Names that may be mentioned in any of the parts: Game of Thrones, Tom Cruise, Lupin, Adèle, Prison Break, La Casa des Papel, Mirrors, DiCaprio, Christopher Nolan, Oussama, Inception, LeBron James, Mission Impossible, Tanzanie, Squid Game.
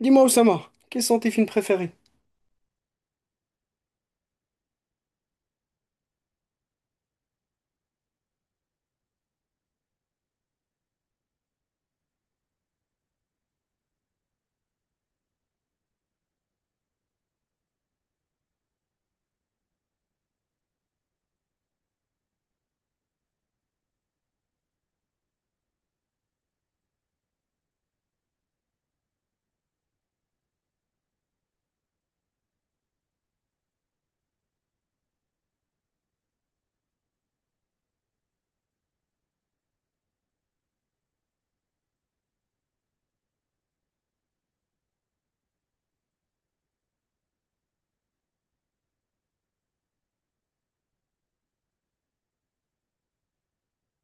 Dis-moi, Oussama, quels sont tes films préférés?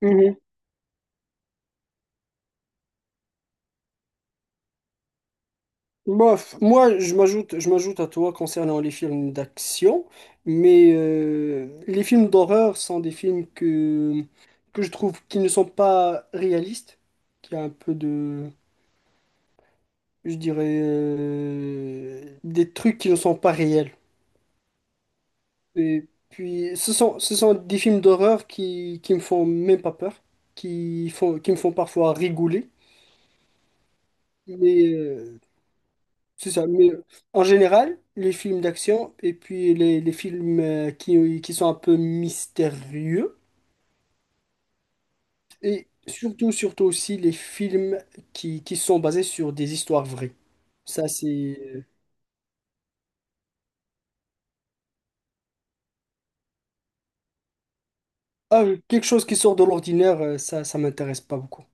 Mhm. Bof, moi, je m'ajoute à toi concernant les films d'action, mais les films d'horreur sont des films que je trouve qui ne sont pas réalistes, qui a un peu de, je dirais, des trucs qui ne sont pas réels. Et puis, ce sont des films d'horreur qui me font même pas peur, qui me font parfois rigoler. Mais euh, C'est ça, mais En général, les films d'action et puis les films qui sont un peu mystérieux, et surtout, surtout aussi les films qui sont basés sur des histoires vraies. Ça, c'est... euh, Ah, quelque chose qui sort de l'ordinaire, ça, ça m'intéresse pas beaucoup.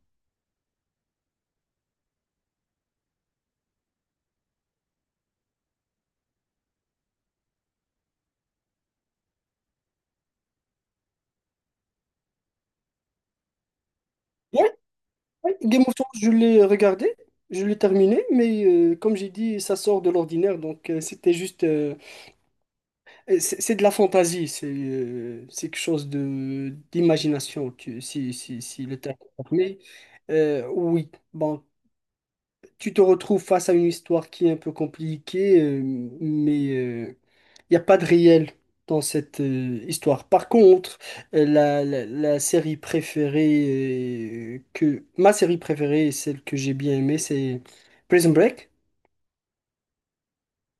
Oui, Game of Thrones, je l'ai regardé, je l'ai terminé, mais comme j'ai dit, ça sort de l'ordinaire, donc C'est de la fantaisie, c'est quelque chose de d'imagination, si, si le terme est permis. Oui, bon, tu te retrouves face à une histoire qui est un peu compliquée, mais euh, il n'y a pas de réel dans cette histoire. Par contre, la série préférée que ma série préférée, et celle que j'ai bien aimée, c'est Prison Break.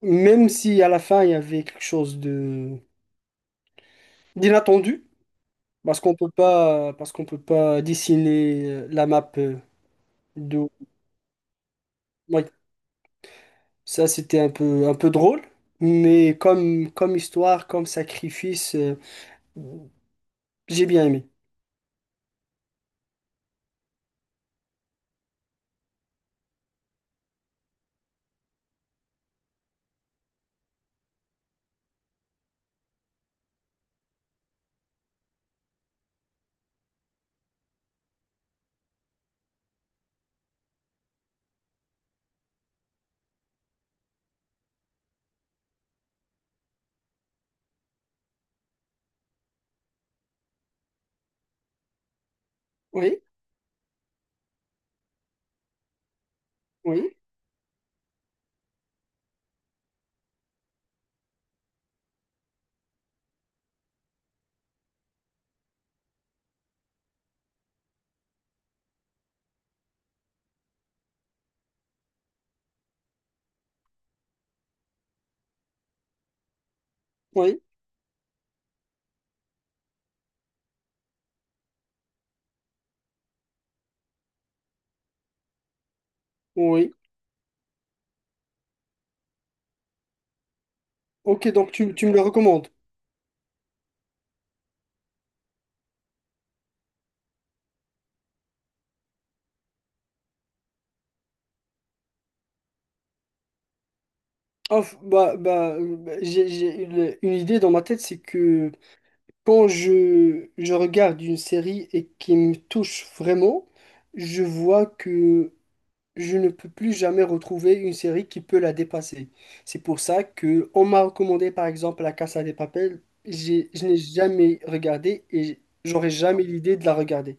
Même si à la fin il y avait quelque chose de d'inattendu. Parce qu'on peut pas, parce qu'on peut pas dessiner la map de. Ouais, ça c'était un peu drôle, mais comme, comme histoire, comme sacrifice, j'ai bien aimé. Oui, oui, oui, oui. Ok, donc tu me le recommandes. J'ai, une idée dans ma tête, c'est que quand je regarde une série et qui me touche vraiment, je vois que je ne peux plus jamais retrouver une série qui peut la dépasser. C'est pour ça que on m'a recommandé par exemple La Casa des Papel. Je n'ai jamais regardé et j'aurais jamais l'idée de la regarder.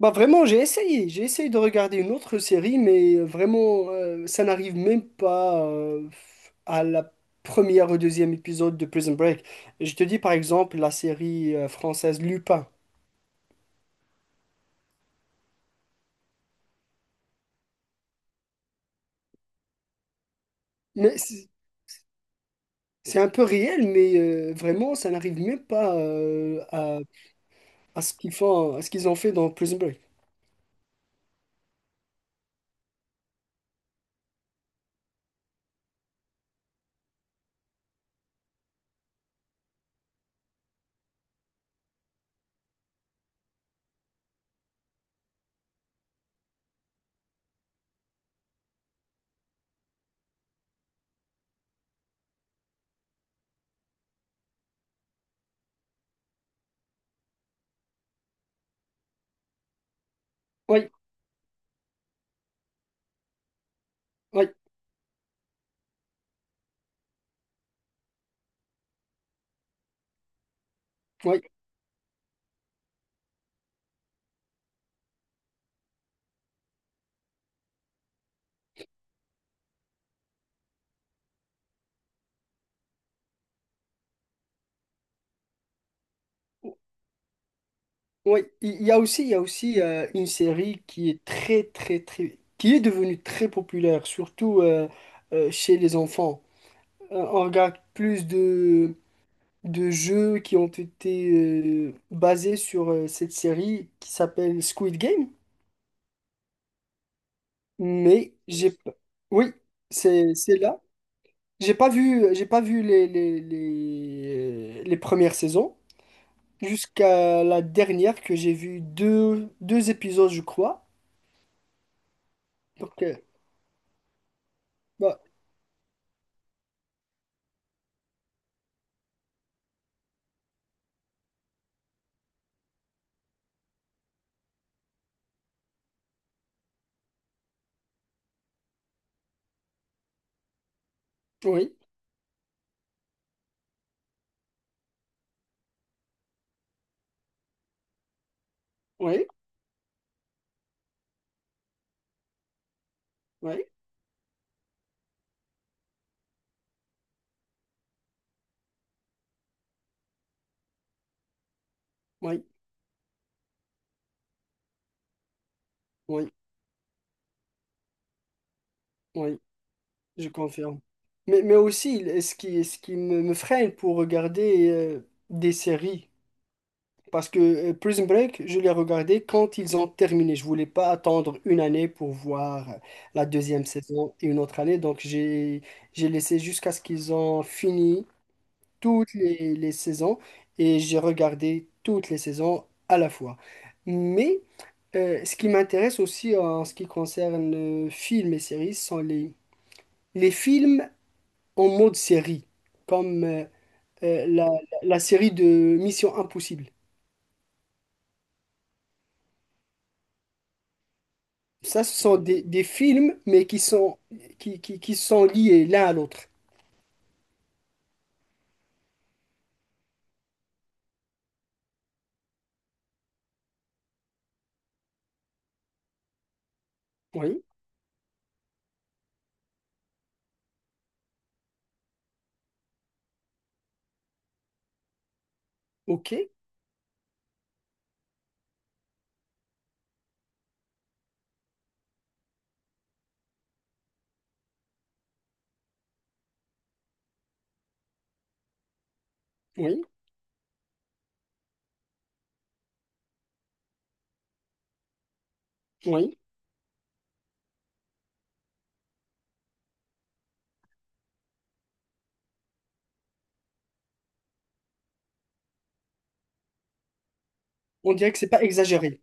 Bah vraiment, j'ai essayé de regarder une autre série, mais vraiment, ça n'arrive même pas à la première ou deuxième épisode de Prison Break. Je te dis par exemple la série française Lupin. Mais c'est un peu réel, mais vraiment, ça n'arrive même pas à ce qu'ils font, à ce qu'ils ont fait dans Prison Break. Oui, oui, oui, oui. Il y a aussi, il y a aussi une série qui est très, très, très, qui est devenue très populaire, surtout chez les enfants. On regarde plus de jeux qui ont été basés sur cette série qui s'appelle Squid Game, mais oui, c'est là. J'ai pas vu les premières saisons, jusqu'à la dernière que j'ai vu deux, deux épisodes, je crois. Donc, euh, bah, oui, oui, oui, oui, oui, oui, je confirme. Mais aussi, ce qui me, me freine pour regarder des séries, parce que Prison Break, je l'ai regardé quand ils ont terminé. Je voulais pas attendre une année pour voir la deuxième saison et une autre année, donc j'ai laissé jusqu'à ce qu'ils ont fini toutes les saisons et j'ai regardé toutes les saisons à la fois. Mais ce qui m'intéresse aussi en ce qui concerne films et séries, ce sont les films en mode série, comme euh, la, la série de Mission Impossible. Ça, ce sont des films, mais qui sont, qui sont liés l'un à l'autre. Oui, ok, oui, oui. On dirait que c'est pas exagéré.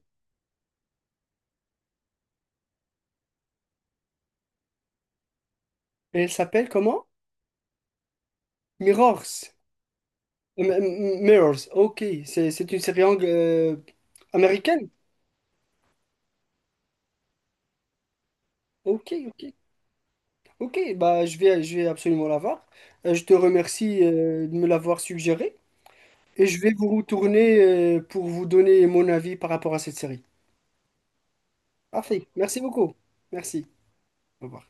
Elle s'appelle comment? Mirrors. Mirrors, ok, c'est une série américaine. Ok, ok, ok, bah je vais absolument la voir. Je te remercie de me l'avoir suggéré et je vais vous retourner pour vous donner mon avis par rapport à cette série. Parfait, merci beaucoup. Merci. Au revoir.